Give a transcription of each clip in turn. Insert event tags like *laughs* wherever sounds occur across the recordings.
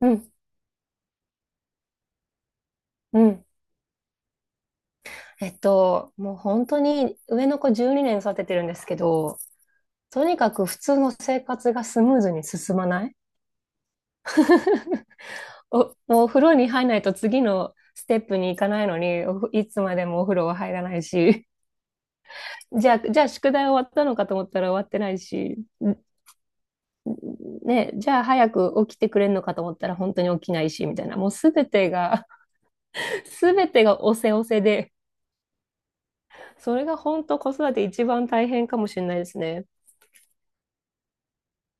うん、うん。もう本当に上の子12年育ててるんですけど、とにかく普通の生活がスムーズに進まない。 *laughs* お、もうお風呂に入らないと次のステップに行かないのに、いつまでもお風呂は入らないし、*laughs* じゃあ、宿題終わったのかと思ったら終わってないし、ね、じゃあ早く起きてくれるのかと思ったら本当に起きないし、みたいな、もうすべてが、*laughs* すべてがおせおせで、それが本当子育て一番大変かもしれないですね。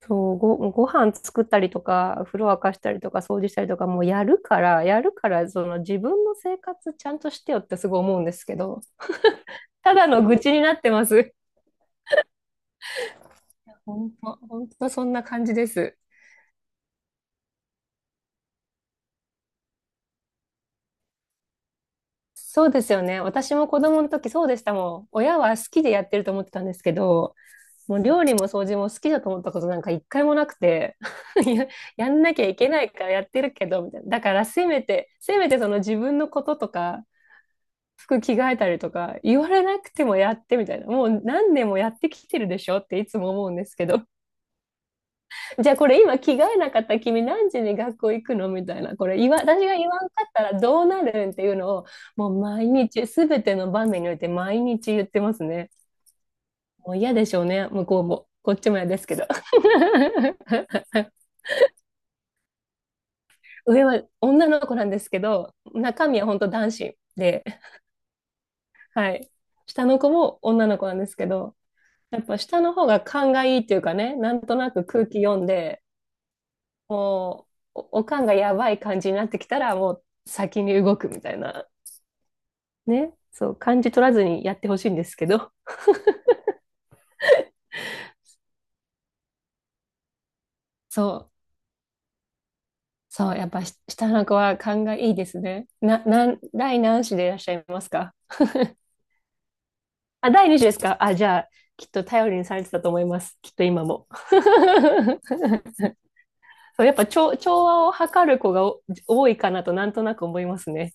そう、飯作ったりとか、風呂沸かしたりとか、掃除したりとか、もうやるから、その自分の生活ちゃんとしてよってすごい思うんですけど、ただの愚痴になってます。本当、本当そんな感じです。そうですよね。私も子供の時そうでしたもん。親は好きでやってると思ってたんですけど、もう料理も掃除も好きだと思ったことなんか一回もなくて、*laughs* ややんなきゃいけないからやってるけど、みたいな。だからせめて、その自分のこととか、服着替えたりとか言われなくてもやって、みたいな、もう何年もやってきてるでしょっていつも思うんですけど、 *laughs* じゃあこれ今着替えなかった君何時に学校行くの、みたいな、これ私が言わんかったらどうなるんっていうのを、もう毎日全ての場面において毎日言ってますね。もう嫌でしょうね、向こうもこっちも嫌ですけど。 *laughs* 上は女の子なんですけど、中身は本当男子で。はい。下の子も女の子なんですけど、やっぱ下の方が勘がいいっていうかね、なんとなく空気読んで、もう、お勘がやばい感じになってきたら、もう先に動くみたいな。ね。そう、感じ取らずにやってほしいんですけど。そう、そう、やっぱし下の子は勘がいいですね。な、なん、第何子でいらっしゃいますか？ *laughs* あ、第二子ですか、あ、じゃあ、きっと頼りにされてたと思います。きっと今も。*laughs* そう、やっぱ調和を図る子が多いかなとなんとなく思いますね。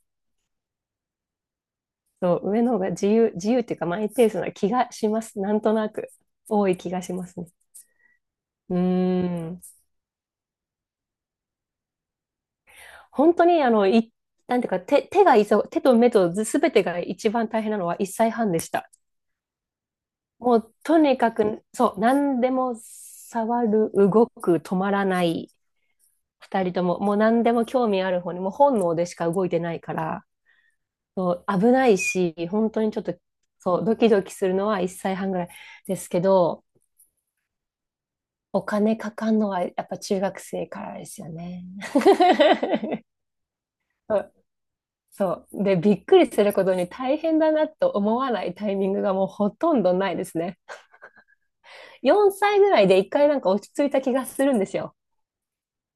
そう、上の方が自由、っていうかマイペースな気がします。なんとなく。多い気がしますね。うーん。本当に、なんていうか、手、手がいそう、手と目とすべてが一番大変なのは1歳半でした。もう、とにかく、そう、何でも触る、動く、止まらない、二人とも、もう何でも興味ある方に、もう本能でしか動いてないから、そう、危ないし、本当にちょっと、そう、ドキドキするのは1歳半ぐらいですけど、お金かかんのはやっぱ中学生からですよね。*laughs* そうそう。で、びっくりすることに大変だなと思わないタイミングがもうほとんどないですね。4歳ぐらいで一回なんか落ち着いた気がするんですよ。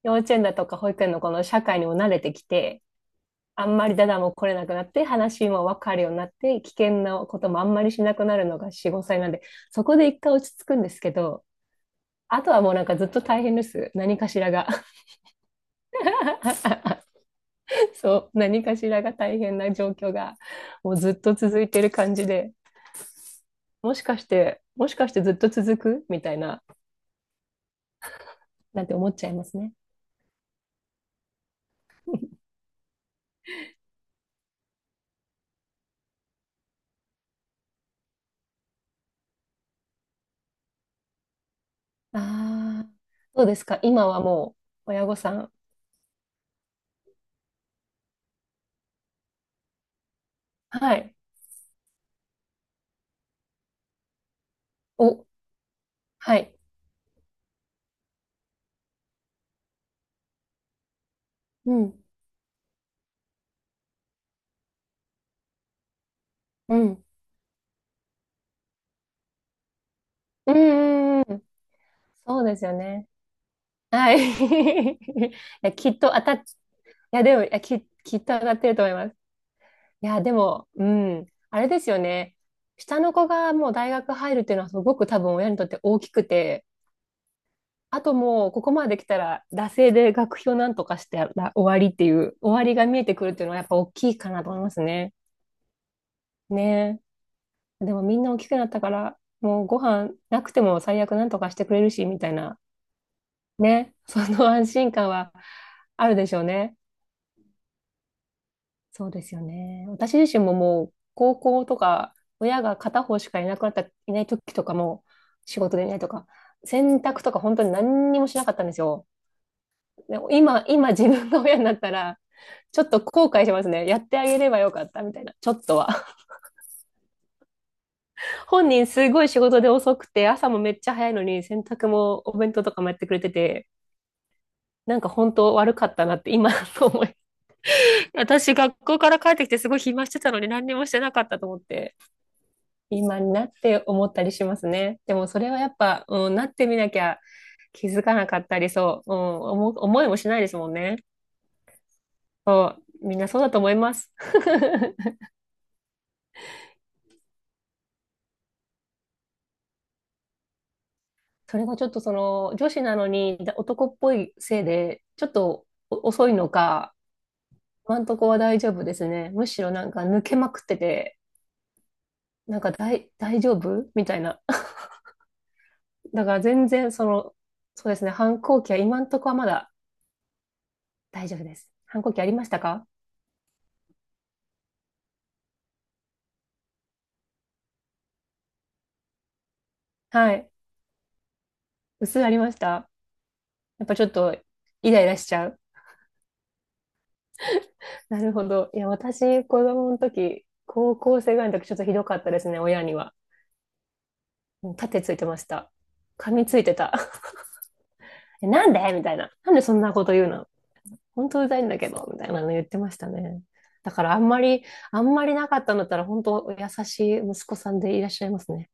幼稚園だとか保育園のこの社会にも慣れてきて、あんまりダダも来れなくなって、話もわかるようになって、危険なこともあんまりしなくなるのが4、5歳なんで、そこで一回落ち着くんですけど、あとはもうなんかずっと大変です。何かしらが。*laughs* そう、何かしらが大変な状況がもうずっと続いてる感じで、もしかして、ずっと続くみたいな、なんて思っちゃいますね。ああ、どうですか今はもう親御さん。はい。お、はい。うん、うん。うん、うん、そうですよね。はい。*laughs* いや、きっと当たっ、いや、でも、いや、き、きっと当たってると思います。いや、でも、うん、あれですよね。下の子がもう大学入るっていうのはすごく多分親にとって大きくて、あともうここまで来たら、惰性で学費をなんとかしてら終わりっていう、終わりが見えてくるっていうのはやっぱ大きいかなと思いますね。ねえ。でもみんな大きくなったから、もうご飯なくても最悪なんとかしてくれるし、みたいな。ね。その安心感はあるでしょうね。そうですよね。私自身ももう高校とか親が片方しかいなくなった、いない時とかも仕事でいないとか、洗濯とか本当に何にもしなかったんですよ。でも今自分が親になったら、ちょっと後悔しますね。やってあげればよかったみたいな、ちょっとは。*laughs* 本人すごい仕事で遅くて、朝もめっちゃ早いのに、洗濯もお弁当とかもやってくれてて、なんか本当悪かったなって今 *laughs* 思い。私学校から帰ってきてすごい暇してたのに何にもしてなかったと思って。今になって思ったりしますね。でもそれはやっぱ、うん、なってみなきゃ気づかなかったり、そう、うん、思いもしないですもんね。みんなそうだと思います。*laughs* それがちょっとその女子なのに男っぽいせいで、ちょっと遅いのか、今んとこは大丈夫ですね。むしろなんか抜けまくってて、なんか大丈夫みたいな。*laughs* だから全然その、そうですね、反抗期は今んとこはまだ大丈夫です。反抗期ありましたか？はい。薄いありました。やっぱちょっとイライラしちゃう。なるほど。いや、私、子供の時、高校生ぐらいの時、ちょっとひどかったですね、親には。もう盾ついてました。噛みついてた。*laughs* え、なんでみたいな。なんでそんなこと言うの。本当うざいんだけど、みたいなの言ってましたね。だからあんまりなかったんだったら、本当優しい息子さんでいらっしゃいますね。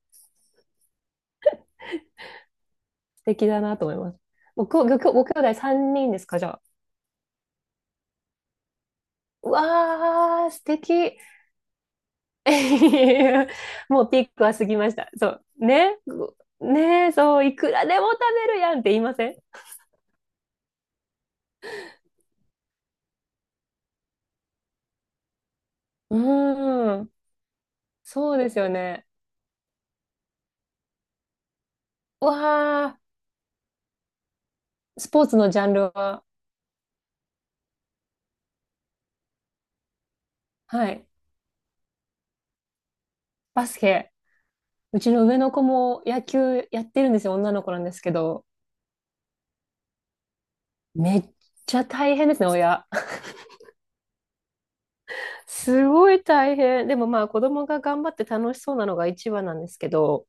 素敵だなと思います。ご兄弟3人ですか、じゃあ。うわー、素敵。*laughs* もうピークは過ぎました。そう。ね。ねえ、そう、いくらでも食べるやんって言いません？うーん。そうですよね。うわあ、スポーツのジャンルは？はい。バスケ。うちの上の子も野球やってるんですよ。女の子なんですけど。めっちゃ大変ですね、親。*laughs* すごい大変。でもまあ子供が頑張って楽しそうなのが一番なんですけど。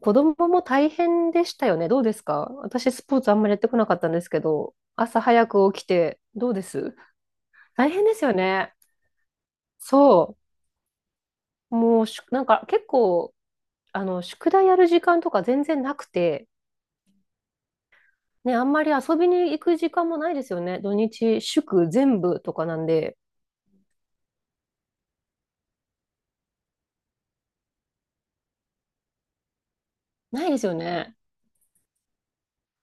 子供も大変でしたよね。どうですか、私、スポーツあんまりやってこなかったんですけど、朝早く起きて、どうです？大変ですよね。そう。もうし、なんか結構、宿題やる時間とか全然なくて、ね、あんまり遊びに行く時間もないですよね。土日、祝全部とかなんで、ないですよね。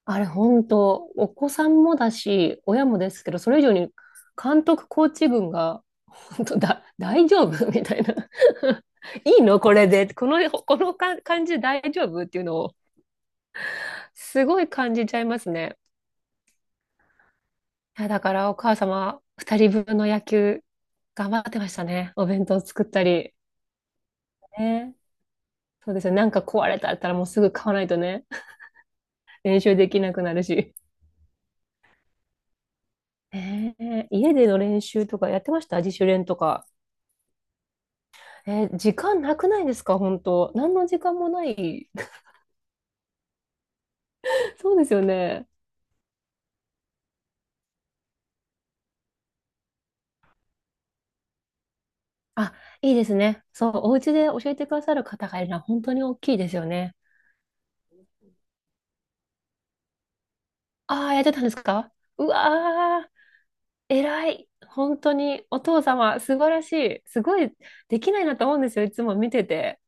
あれ、本当、お子さんもだし、親もですけど、それ以上に監督、コーチ軍が、本当だ、大丈夫 *laughs* みたいな。*laughs* いいのこれで。この感じ大丈夫っていうのを、すごい感じちゃいますね。いや、だからお母様、二人分の野球、頑張ってましたね。お弁当作ったり。ね。そうですよね。なんか壊れたったらもうすぐ買わないとね、練習できなくなるし。ねえー家での練習とかやってました？自主練とか。えー、時間なくないですか、本当？何の時間もない。*laughs* そうですよね。あ、いいですね。そう、お家で教えてくださる方がいるのは本当に大きいですよね。ああ、やってたんですか？うわー、偉い。本当にお父様、素晴らしい。すごいできないなと思うんですよ。いつも見てて。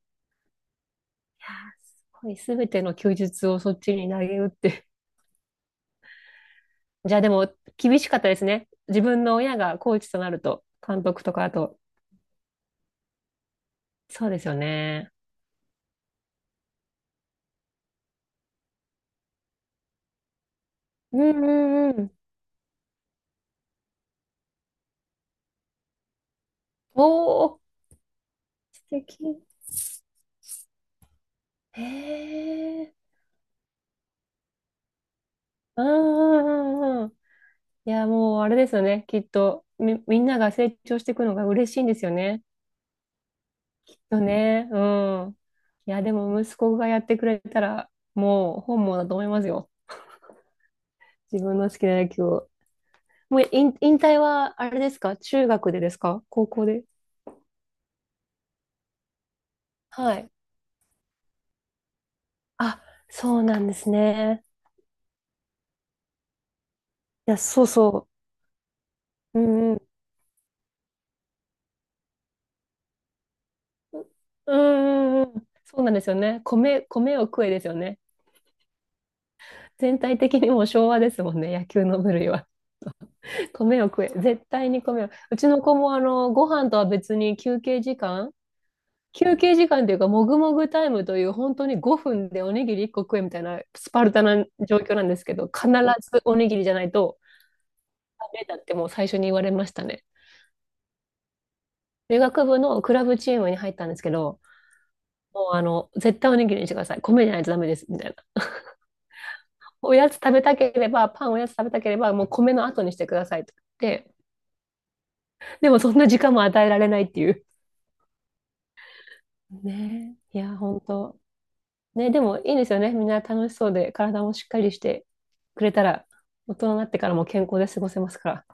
いやー、すごい、すべての休日をそっちに投げ打って。*laughs* じゃあでも、厳しかったですね。自分の親がコーチとなると、監督とかあと。そうですよね。うんうんうん。おー、素敵。へえ。うんうんうんうん。いや、もうあれですよね。きっと、みんなが成長していくのが嬉しいんですよね。きっとね。うん。いや、でも息子がやってくれたら、もう本望だと思いますよ。自分の好きな野球を。もう引退は、あれですか、中学でですか、高校で？はい。あ、そうなんですね。いや、そうそう。うんうん。うんうんうん。そうなんですよね。米、米を食えですよね。全体的にもう昭和ですもんね、野球の部類は。*laughs* 米を食え、絶対に米を。うちの子もあの、ご飯とは別に休憩時間というか、もぐもぐタイムという、本当に5分でおにぎり1個食えみたいなスパルタな状況なんですけど、必ずおにぎりじゃないとダメだってもう最初に言われましたね。理学部のクラブチームに入ったんですけど、もう絶対おにぎりにしてください。米じゃないとダメです。みたいな。おやつ食べたければ、もう米の後にしてくださいと。で、でもそんな時間も与えられないっていう。ねえ、いや、本当。ね、でもいいですよね。みんな楽しそうで、体もしっかりしてくれたら、大人になってからも健康で過ごせますから。